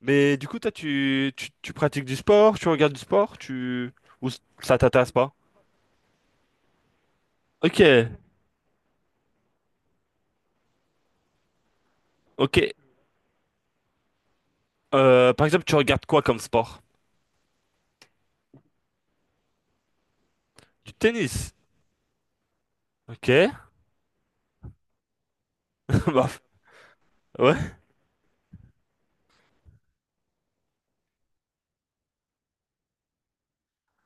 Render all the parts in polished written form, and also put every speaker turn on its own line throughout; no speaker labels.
Mais du coup, toi, tu pratiques du sport, tu regardes du sport. Ou ça t'intéresse pas? Ok, ok. Par exemple, tu regardes quoi comme sport? Du tennis. Ok. Bah, ouais.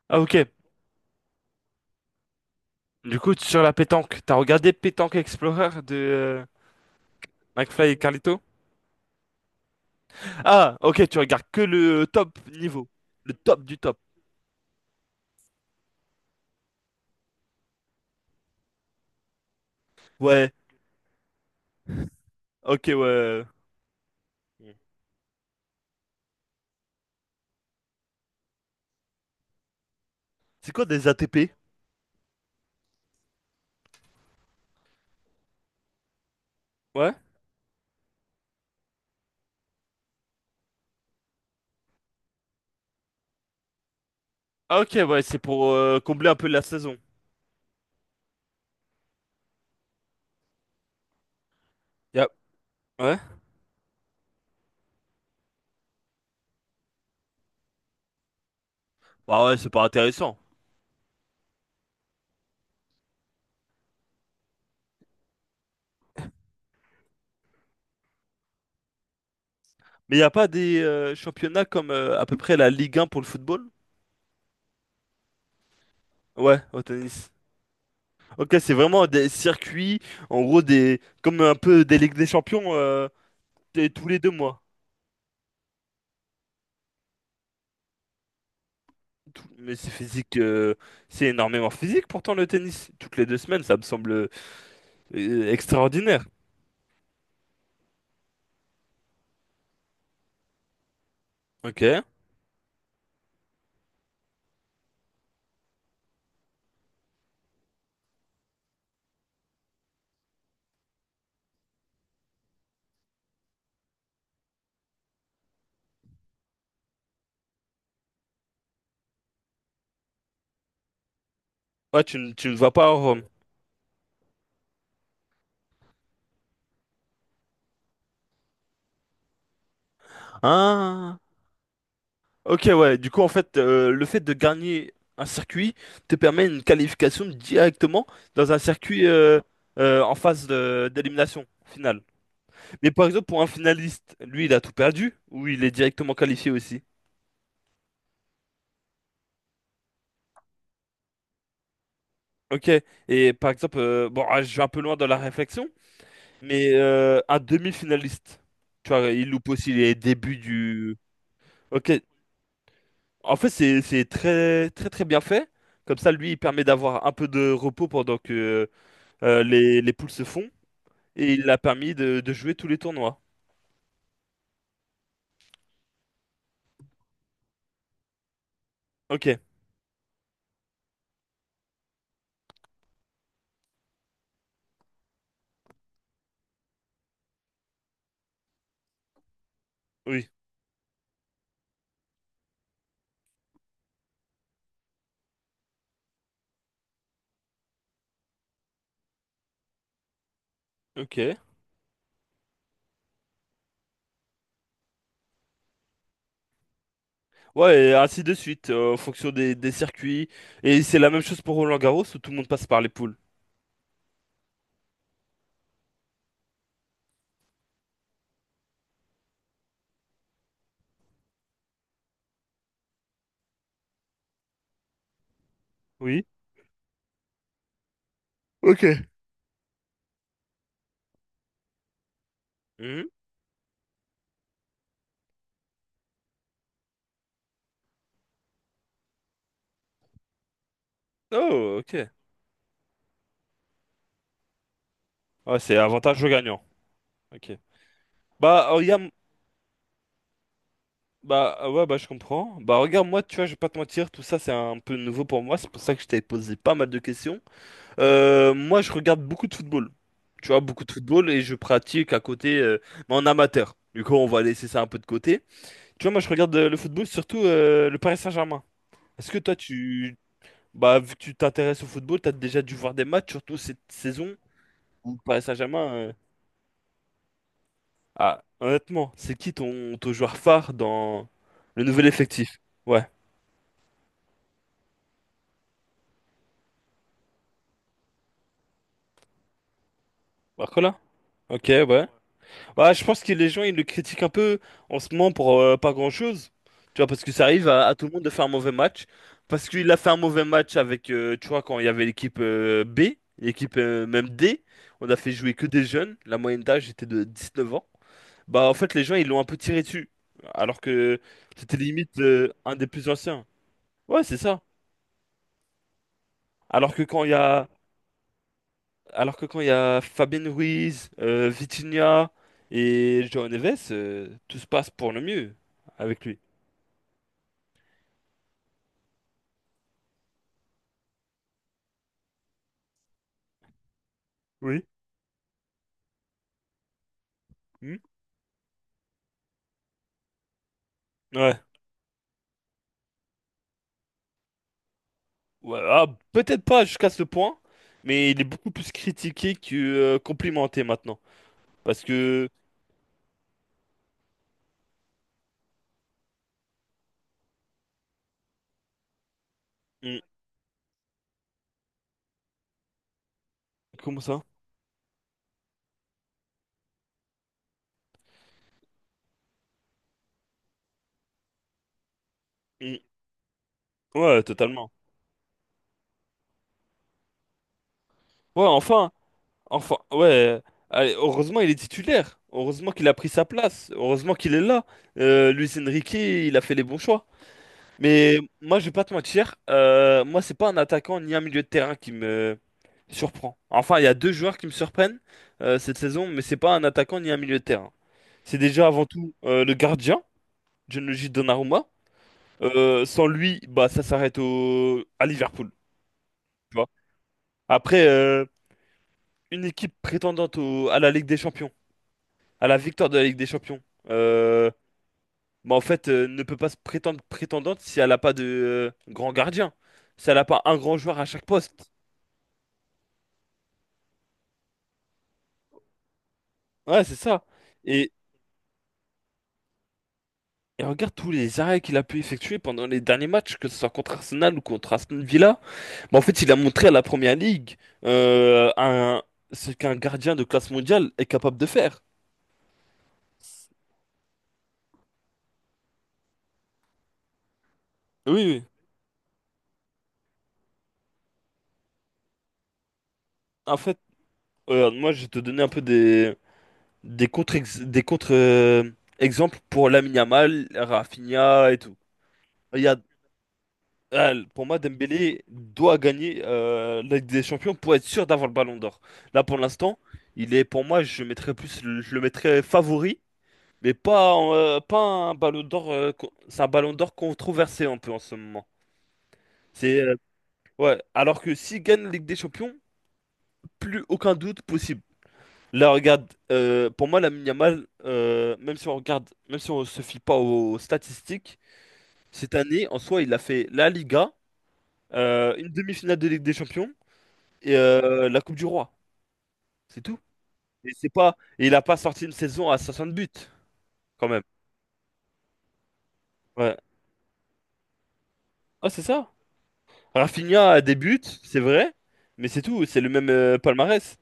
Ah, ok. Du coup, sur la pétanque, t'as regardé Pétanque Explorer de McFly et Carlito? Ah, ok, tu regardes que le top niveau. Le top du top. Ouais. Ok, ouais. C'est quoi des ATP? Ouais. Ah, ok, ouais, c'est pour combler un peu la saison. Yep. Ouais. Bah ouais, c'est pas intéressant. Mais il n'y a pas des championnats comme à peu près la Ligue 1 pour le football? Ouais, au tennis. Ok, c'est vraiment des circuits, en gros, des comme un peu des Ligues des Champions, tous les 2 mois. Mais c'est physique, c'est énormément physique pourtant le tennis. Toutes les 2 semaines, ça me semble extraordinaire. Ok. Ouais, tu ne vas pas à Rome. Ah. Ok, ouais. Du coup, en fait, le fait de gagner un circuit te permet une qualification directement dans un circuit en phase d'élimination finale. Mais par exemple, pour un finaliste, lui, il a tout perdu ou il est directement qualifié aussi. Ok. Et par exemple, bon, ah, je vais un peu loin dans la réflexion, mais un demi-finaliste, tu vois, il loupe aussi les débuts du. Ok. En fait, c'est très très très bien fait. Comme ça, lui, il permet d'avoir un peu de repos pendant que les poules se font et il a permis de jouer tous les tournois. Ok, oui, ok. Ouais, et ainsi de suite, en fonction des circuits. Et c'est la même chose pour Roland-Garros où tout le monde passe par les poules. Oui. Ok. Mhm. Oh, ok. Ouais, c'est avantage au gagnant. Ok. Bah, regarde, bah, ouais, bah, je comprends. Bah, regarde, moi, tu vois, je vais pas te mentir, tout ça, c'est un peu nouveau pour moi. C'est pour ça que je t'avais posé pas mal de questions. Moi, je regarde beaucoup de football. Tu vois, beaucoup de football et je pratique à côté, mais en amateur. Du coup, on va laisser ça un peu de côté. Tu vois, moi, je regarde le football, surtout le Paris Saint-Germain. Est-ce que toi. Bah, vu que tu t'intéresses au football, t'as déjà dû voir des matchs, surtout cette saison où le Paris Saint-Germain... Ah, honnêtement, c'est qui ton joueur phare dans le nouvel effectif? Ouais. Barcola? Ok, ouais. Bah, je pense que les gens, ils le critiquent un peu en ce moment pour pas grand-chose. Tu vois, parce que ça arrive à tout le monde de faire un mauvais match. Parce qu'il a fait un mauvais match avec, tu vois, quand il y avait l'équipe B, l'équipe même D. On a fait jouer que des jeunes. La moyenne d'âge était de 19 ans. Bah, en fait, les gens, ils l'ont un peu tiré dessus. Alors que c'était limite un des plus anciens. Ouais, c'est ça. Alors que quand il y a Alors que quand il y a Fabien Ruiz, Vitinha et João Neves, tout se passe pour le mieux avec lui. Oui. Hmm. Ouais. Ouais, ah, peut-être pas jusqu'à ce point, mais il est beaucoup plus critiqué que complimenté maintenant. Parce que... hmm, comment ça? Hmm, ouais, totalement. Ouais, enfin, ouais. Allez, heureusement, il est titulaire. Heureusement qu'il a pris sa place. Heureusement qu'il est là. Luis Enrique, il a fait les bons choix. Mais moi, je vais pas te mentir, moi, c'est pas un attaquant ni un milieu de terrain qui me surprend. Enfin, il y a deux joueurs qui me surprennent cette saison, mais c'est pas un attaquant ni un milieu de terrain. C'est déjà avant tout le gardien, Gianluigi Donnarumma. Sans lui, bah, ça s'arrête à Liverpool. Tu vois. Après, une équipe prétendante à la Ligue des Champions, à la victoire de la Ligue des Champions, euh, bah, en fait, ne peut pas se prétendre prétendante si elle n'a pas de grand gardien, si elle n'a pas un grand joueur à chaque poste. Ouais, c'est ça. Et, et regarde tous les arrêts qu'il a pu effectuer pendant les derniers matchs, que ce soit contre Arsenal ou contre Aston Villa. Mais en fait, il a montré à la Première Ligue euh, un- ce qu'un gardien de classe mondiale est capable de faire. Oui, oui. En fait, moi, je vais te donner un peu des contre, des contre exemples pour Lamine Yamal, Rafinha et tout. Il y a Ah, pour moi, Dembélé doit gagner la Ligue des Champions pour être sûr d'avoir le Ballon d'Or. Là, pour l'instant, il est pour moi, je le mettrais favori, mais pas un Ballon d'Or. C'est un Ballon d'Or controversé un peu en ce moment. C'est Ouais. Alors que s'il gagne la Ligue des Champions, plus aucun doute possible. Là, regarde, pour moi, la Yamal, même si on se fie pas aux statistiques, cette année, en soi, il a fait la Liga, une demi-finale de Ligue des Champions. Et la Coupe du Roi. C'est tout. Et c'est pas. Et il a pas sorti une saison à 60 buts, quand même. Ouais. Ah, c'est ça. Rafinha a des buts, c'est vrai, mais c'est tout. C'est le même palmarès.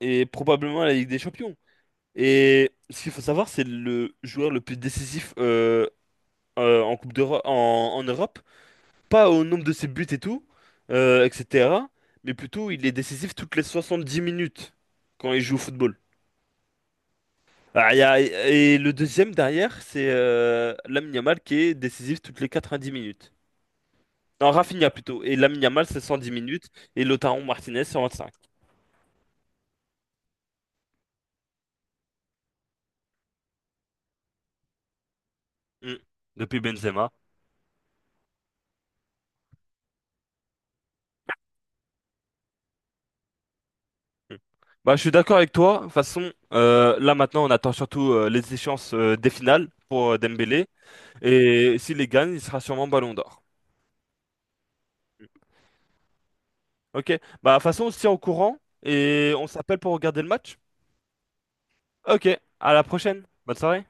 Et probablement la Ligue des Champions. Et ce qu'il faut savoir, c'est le joueur le plus décisif en Coupe d'Europe, en Europe. Pas au nombre de ses buts et tout, etc. Mais plutôt, il est décisif toutes les 70 minutes quand il joue au football. Ah, et le deuxième derrière, c'est Lamine Yamal qui est décisif toutes les 90 minutes. Non, Rafinha plutôt. Et Lamine Yamal, c'est 110 minutes. Et Lautaro Martinez, 125. Mm. Depuis Benzema. Mm. Bah, je suis d'accord avec toi. De toute façon, là maintenant, on attend surtout les échéances des finales pour Dembélé. Et s'il les gagne, il sera sûrement Ballon d'Or. Ok. Bah, de toute façon, on se tient au courant et on s'appelle pour regarder le match. Ok. À la prochaine. Bonne soirée.